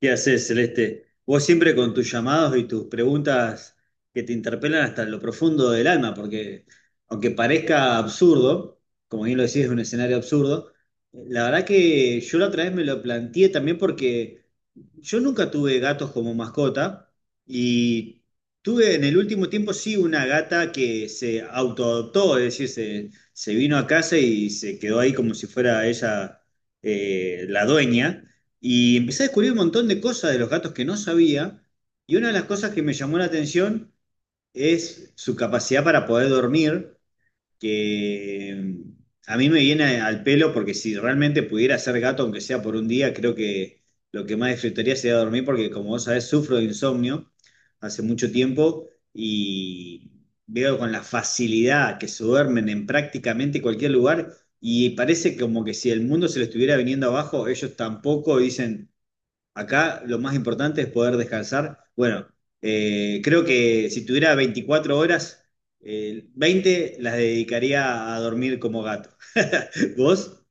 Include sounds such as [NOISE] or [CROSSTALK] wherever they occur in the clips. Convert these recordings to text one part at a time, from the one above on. ¿Qué haces, Celeste? Vos siempre con tus llamados y tus preguntas que te interpelan hasta lo profundo del alma, porque aunque parezca absurdo, como bien lo decís, es un escenario absurdo, la verdad que yo la otra vez me lo planteé también porque yo nunca tuve gatos como mascota y tuve en el último tiempo sí una gata que se autoadoptó, es decir, se vino a casa y se quedó ahí como si fuera ella, la dueña. Y empecé a descubrir un montón de cosas de los gatos que no sabía y una de las cosas que me llamó la atención es su capacidad para poder dormir que mm, a mí me viene al pelo porque si realmente pudiera ser gato, aunque sea por un día, creo que lo que más disfrutaría sería dormir porque como vos sabés, sufro de insomnio hace mucho tiempo y veo con la facilidad que se duermen en prácticamente cualquier lugar y parece como que si el mundo se lo estuviera viniendo abajo, ellos tampoco dicen... Acá lo más importante es poder descansar. Bueno, creo que si tuviera 24 horas, 20 las dedicaría a dormir como gato. [LAUGHS] ¿Vos?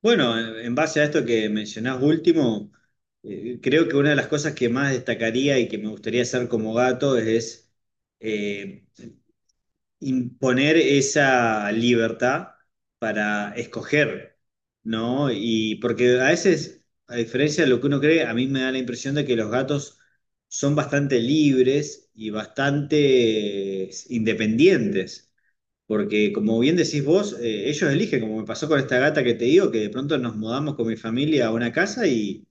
Bueno, en base a esto que mencionás último, creo que una de las cosas que más destacaría y que me gustaría hacer como gato es, eh, imponer esa libertad para escoger, ¿no? Y porque a veces, a diferencia de lo que uno cree, a mí me da la impresión de que los gatos son bastante libres y bastante independientes, porque como bien decís vos, ellos eligen, como me pasó con esta gata que te digo, que de pronto nos mudamos con mi familia a una casa y...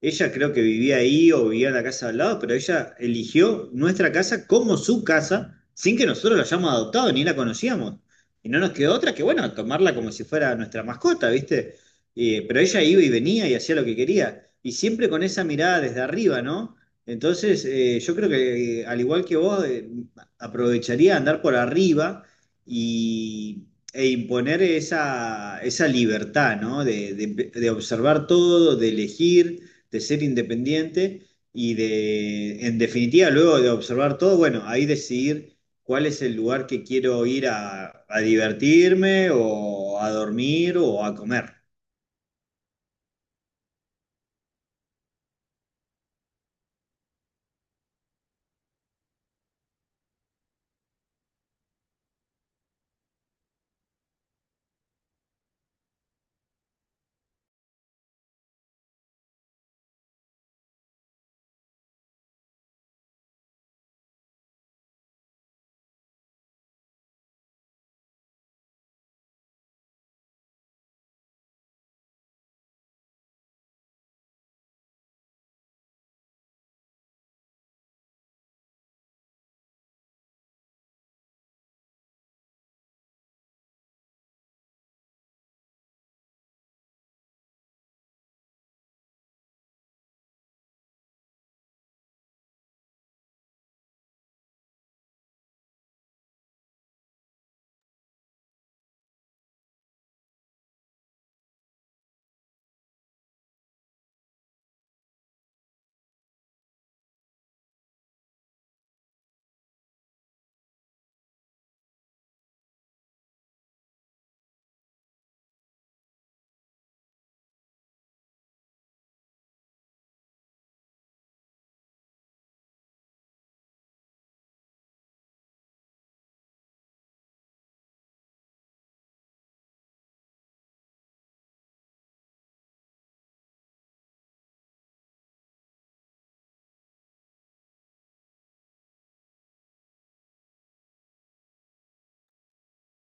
Ella creo que vivía ahí o vivía en la casa de al lado, pero ella eligió nuestra casa como su casa sin que nosotros la hayamos adoptado ni la conocíamos. Y no nos quedó otra que, bueno, tomarla como si fuera nuestra mascota, ¿viste? Pero ella iba y venía y hacía lo que quería. Y siempre con esa mirada desde arriba, ¿no? Entonces, yo creo que al igual que vos, aprovecharía andar por arriba y, e imponer esa libertad, ¿no? De observar todo, de elegir de ser independiente y de, en definitiva, luego de observar todo, bueno, ahí decidir cuál es el lugar que quiero ir a divertirme o a dormir o a comer.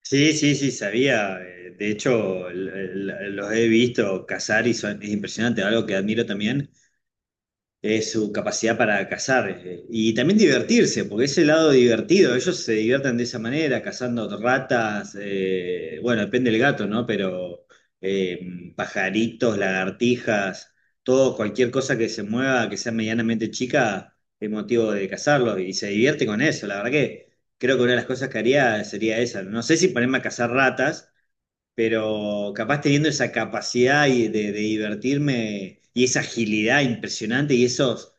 Sí, sí, sí, sabía. De hecho, los he visto cazar y son, es impresionante, algo que admiro también es su capacidad para cazar y también divertirse, porque es el lado divertido, ellos se divierten de esa manera, cazando ratas, bueno, depende del gato, ¿no? Pero pajaritos, lagartijas, todo, cualquier cosa que se mueva, que sea medianamente chica, es motivo de cazarlo y se divierte con eso, la verdad que creo que una de las cosas que haría sería esa, no sé si ponerme a cazar ratas, pero capaz teniendo esa capacidad y de divertirme y esa agilidad impresionante y esos,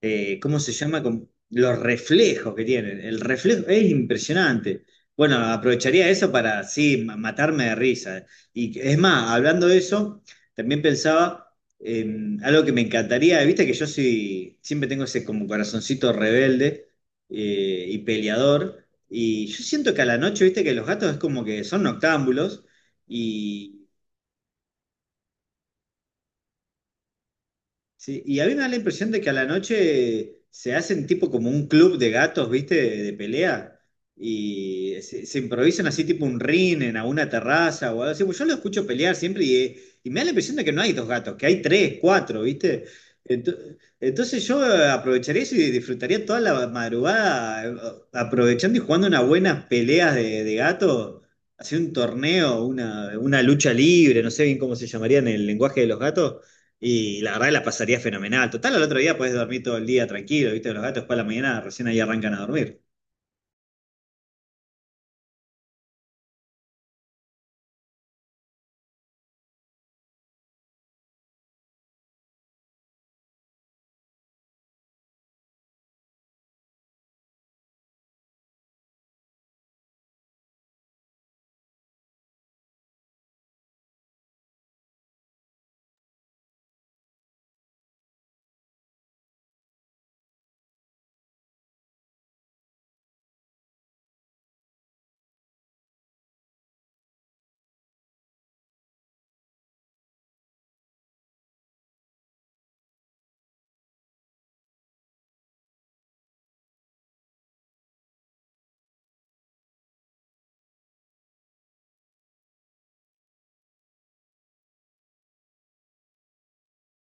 ¿cómo se llama? Los reflejos que tienen. El reflejo es impresionante. Bueno, aprovecharía eso para, sí, matarme de risa. Y es más, hablando de eso, también pensaba en algo que me encantaría, viste que yo soy, siempre tengo ese como corazoncito rebelde y peleador. Y yo siento que a la noche, viste que los gatos es como que son noctámbulos, y, sí, y a mí me da la impresión de que a la noche se hacen tipo como un club de gatos, ¿viste? De pelea. Y se improvisan así tipo un ring en alguna terraza o algo así. Pues yo lo escucho pelear siempre y me da la impresión de que no hay dos gatos, que hay tres, cuatro, ¿viste? Ento- Entonces yo aprovecharía eso y disfrutaría toda la madrugada aprovechando y jugando unas buenas peleas de gatos, hacer un torneo, una lucha libre, no sé bien cómo se llamaría en el lenguaje de los gatos. Y la verdad que la pasaría fenomenal. Total, al otro día podés dormir todo el día tranquilo, ¿viste? Los gatos después de la mañana recién ahí arrancan a dormir.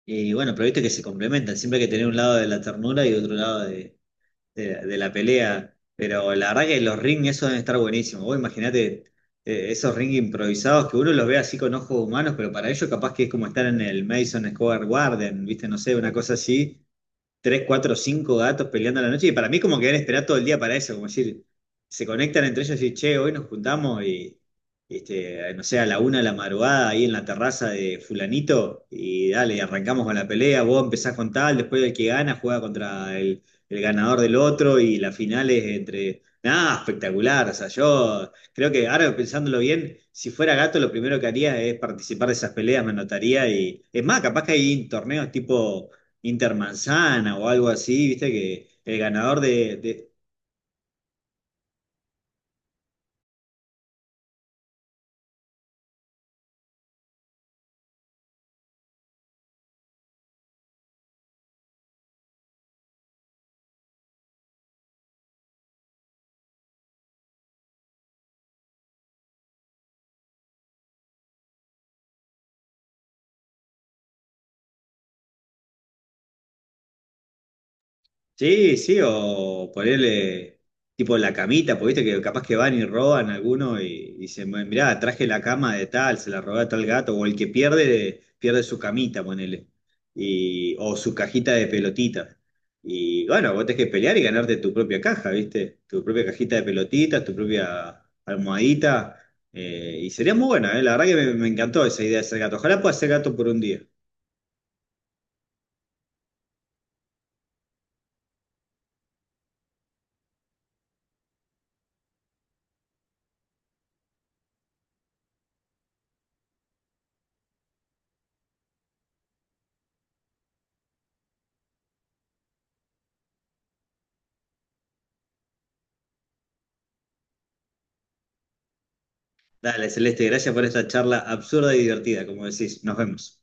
Y bueno, pero viste que se complementan. Siempre hay que tener un lado de la ternura y otro lado de, de la pelea. Pero la verdad que los ring, eso deben estar buenísimos. Vos imaginate esos ring improvisados que uno los ve así con ojos humanos, pero para ellos capaz que es como estar en el Madison Square Garden, ¿viste? No sé, una cosa así. Tres, cuatro, cinco gatos peleando a la noche. Y para mí como que deben esperar todo el día para eso, como decir, se conectan entre ellos y, che, hoy nos juntamos y, este, no sé, a la una de la madrugada ahí en la terraza de fulanito y dale, arrancamos con la pelea, vos empezás con tal, después el que gana juega contra el ganador del otro y la final es entre... Nada, espectacular. O sea, yo creo que ahora pensándolo bien, si fuera gato, lo primero que haría es participar de esas peleas, me anotaría y. Es más, capaz que hay torneos tipo Intermanzana o algo así, viste que el ganador Sí, sí, o ponerle tipo la camita, porque viste que capaz que van y roban alguno y dicen, "Bueno, mirá, traje la cama de tal, se la robé a tal gato, o el que pierde, pierde su camita, ponele, y, o su cajita de pelotitas. Y bueno, vos tenés que pelear y ganarte tu propia caja, viste, tu propia cajita de pelotitas, tu propia almohadita. Y sería muy buena, la verdad que me encantó esa idea de ser gato. Ojalá pueda ser gato por un día. Dale, Celeste, gracias por esta charla absurda y divertida, como decís. Nos vemos.